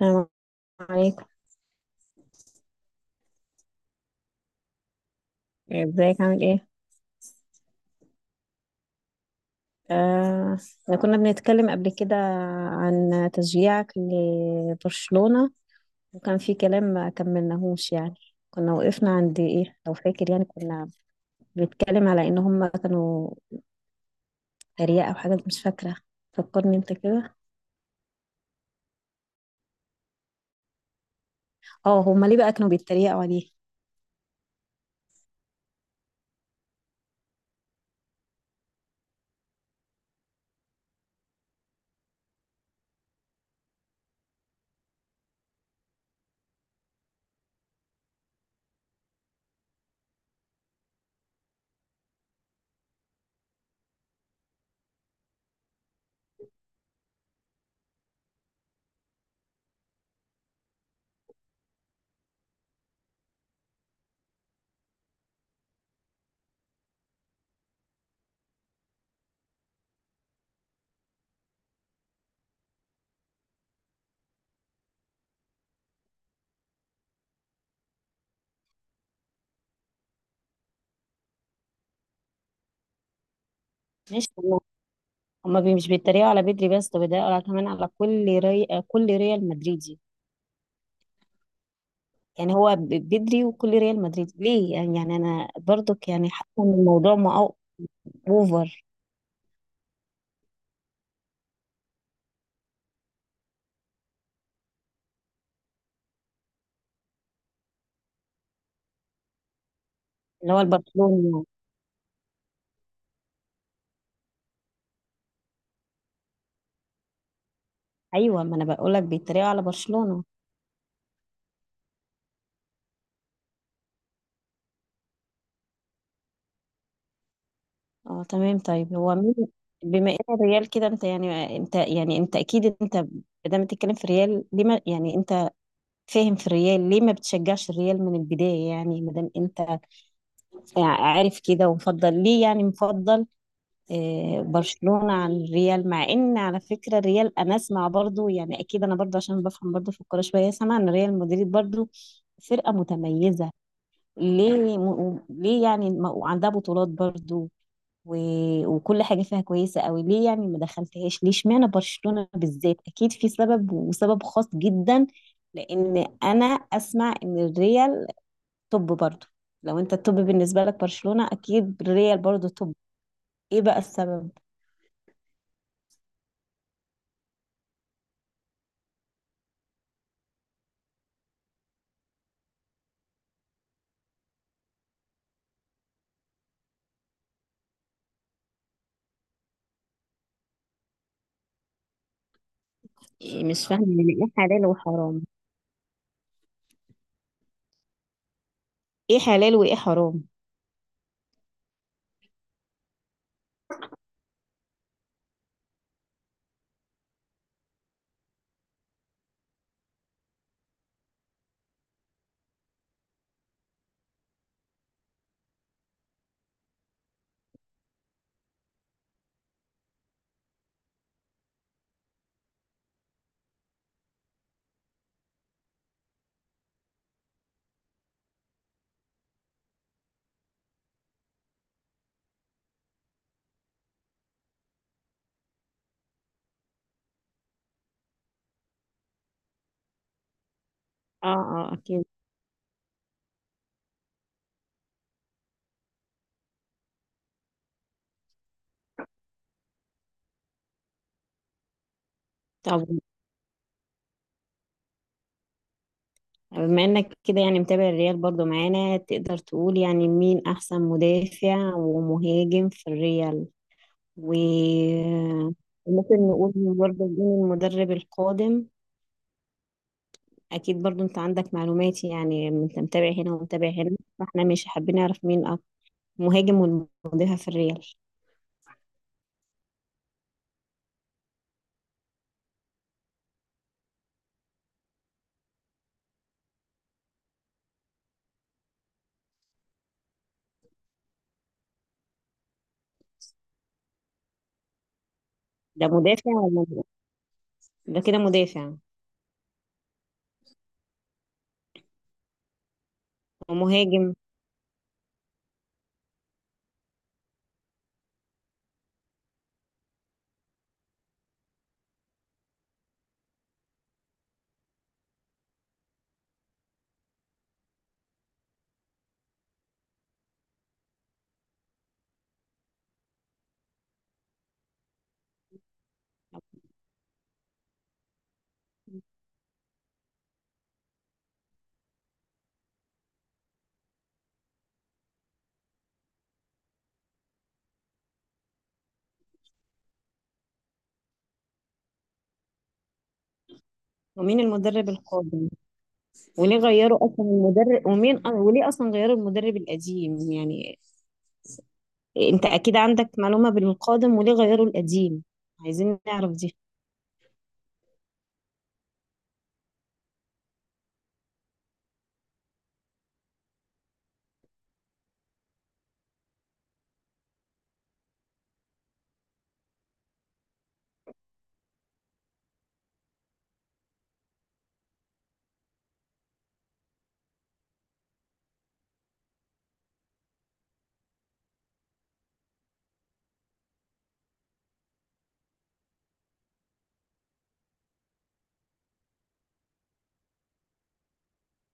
السلام عليكم. ازيك، عامل ايه؟ آه احنا كنا بنتكلم قبل كده عن تشجيعك لبرشلونة، وكان في كلام ما كملناهوش يعني. كنا وقفنا عند ايه لو فاكر؟ يعني كنا بنتكلم على ان هم كانوا تريقة او حاجة، مش فاكرة، فكرني انت كده. اه، هم ليه بقى كانوا بيتريقوا عليه؟ ماشي. هما مش بيتريقوا على بدري بس، ده بيتريقوا على كمان على كل كل ريال مدريدي. يعني هو بدري وكل ريال مدريد، ليه؟ يعني انا برضك يعني حاسه ان الموضوع ما اوفر. اللي هو البرشلونه. ايوه، ما انا بقول لك بيتريقوا على برشلونه. اه تمام. طيب هو مين؟ بما ان الريال كده، انت يعني انت يعني انت اكيد انت ما بتتكلم في الريال ليه؟ ما يعني انت فاهم في الريال، ليه ما بتشجعش الريال من البدايه؟ يعني ما دام انت يعني عارف كده، ومفضل ليه يعني مفضل برشلونة عن الريال؟ مع ان على فكرة الريال انا اسمع برضو، يعني اكيد انا برضو عشان بفهم برضو في الكورة شوية، سامعة ان ريال مدريد برضو فرقة متميزة. ليه ليه يعني وعندها بطولات برضو، و... وكل حاجة فيها كويسة قوي، ليه يعني ما دخلتهاش؟ ليه اشمعنى برشلونة بالذات؟ اكيد في سبب، وسبب خاص جدا. لان انا اسمع ان الريال توب برضو، لو انت التوب بالنسبة لك برشلونة، اكيد الريال برضو توب. ايه بقى السبب؟ إيه، مش فاهمة يعني ايه حلال وحرام؟ ايه حلال وايه حرام؟ اه، اه، اكيد. طب بما انك كده يعني متابع الريال برضو معانا، تقدر تقول يعني مين احسن مدافع ومهاجم في الريال؟ و ممكن نقول برضو مين المدرب القادم؟ اكيد برضو انت عندك معلومات، يعني انت متابع هنا ومتابع هنا، فاحنا مش حابين نعرف مين مهاجم والمدافع في الريال. ده مدافع ولا ده كده مدافع ومهاجم؟ ومين المدرب القادم؟ وليه غيروا اصلا المدرب؟ ومين وليه اصلا غيروا المدرب القديم يعني؟ انت اكيد عندك معلومة بالقادم وليه غيروا القديم، عايزين نعرف دي.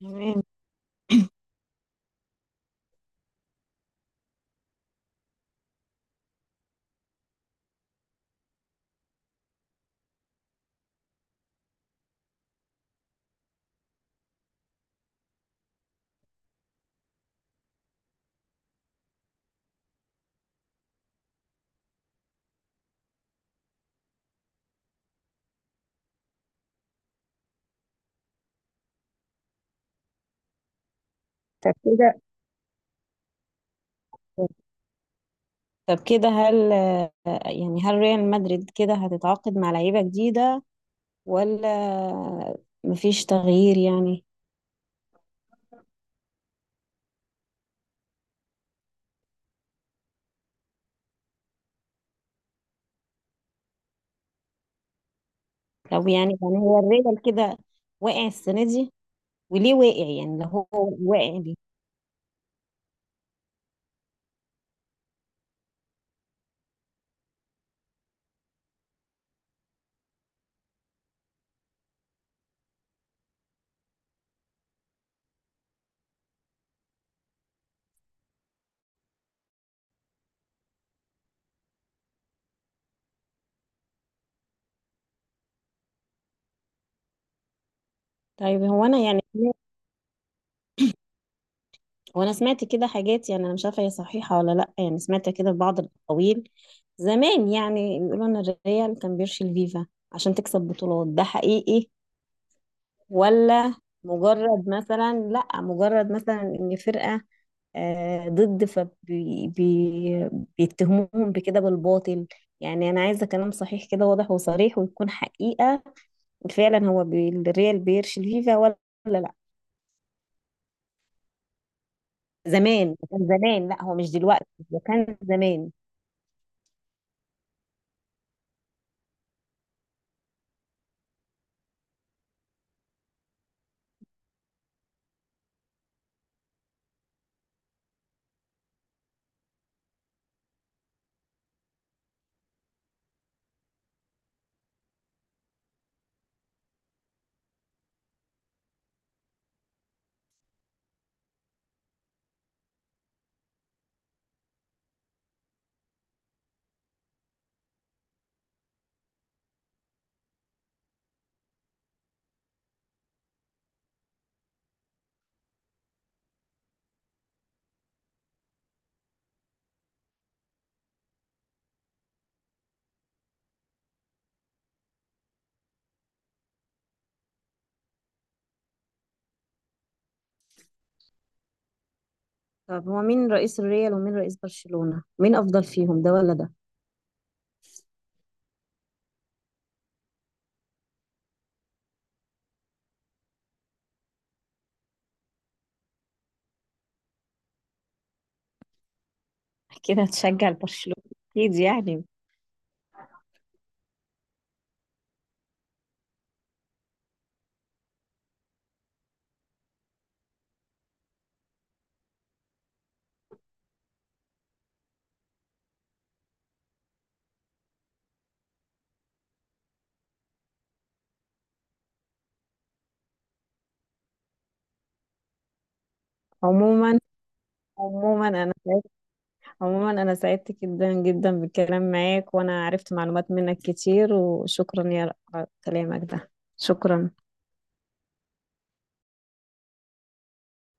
تمام. طب كده طب كده هل يعني هل ريال مدريد كده هتتعاقد مع لعيبة جديدة، ولا مفيش تغيير يعني؟ لو يعني هو الريال كده واقع السنة دي، وليه واقع؟ يعني لو هو واقع ليه؟ طيب هو انا يعني وانا سمعت كده حاجات، يعني انا مش عارفه هي صحيحه ولا لا، يعني سمعت كده في بعض الاقاويل زمان، يعني بيقولوا ان الريال كان بيرشي الفيفا عشان تكسب بطولات، ده حقيقي ولا مجرد مثلا؟ لا، مجرد مثلا ان فرقه ضد فبي بي بيتهموهم بكده بالباطل؟ يعني انا عايزه كلام صحيح كده، واضح وصريح ويكون حقيقه. فعلا هو بي الريال بيرشي الفيفا ولا لا؟ زمان، كان زمان، لا هو مش دلوقتي، ده كان زمان. طب هو مين رئيس الريال ومين رئيس برشلونة؟ مين افضل فيهم، ده ولا ده؟ كده هتشجع البرشلونة اكيد يعني. عموما، عموما انا سعيد، عموما انا سعدت جدا جدا بالكلام معاك، وانا عرفت معلومات منك كتير، وشكرا يا على كلامك ده. شكرا.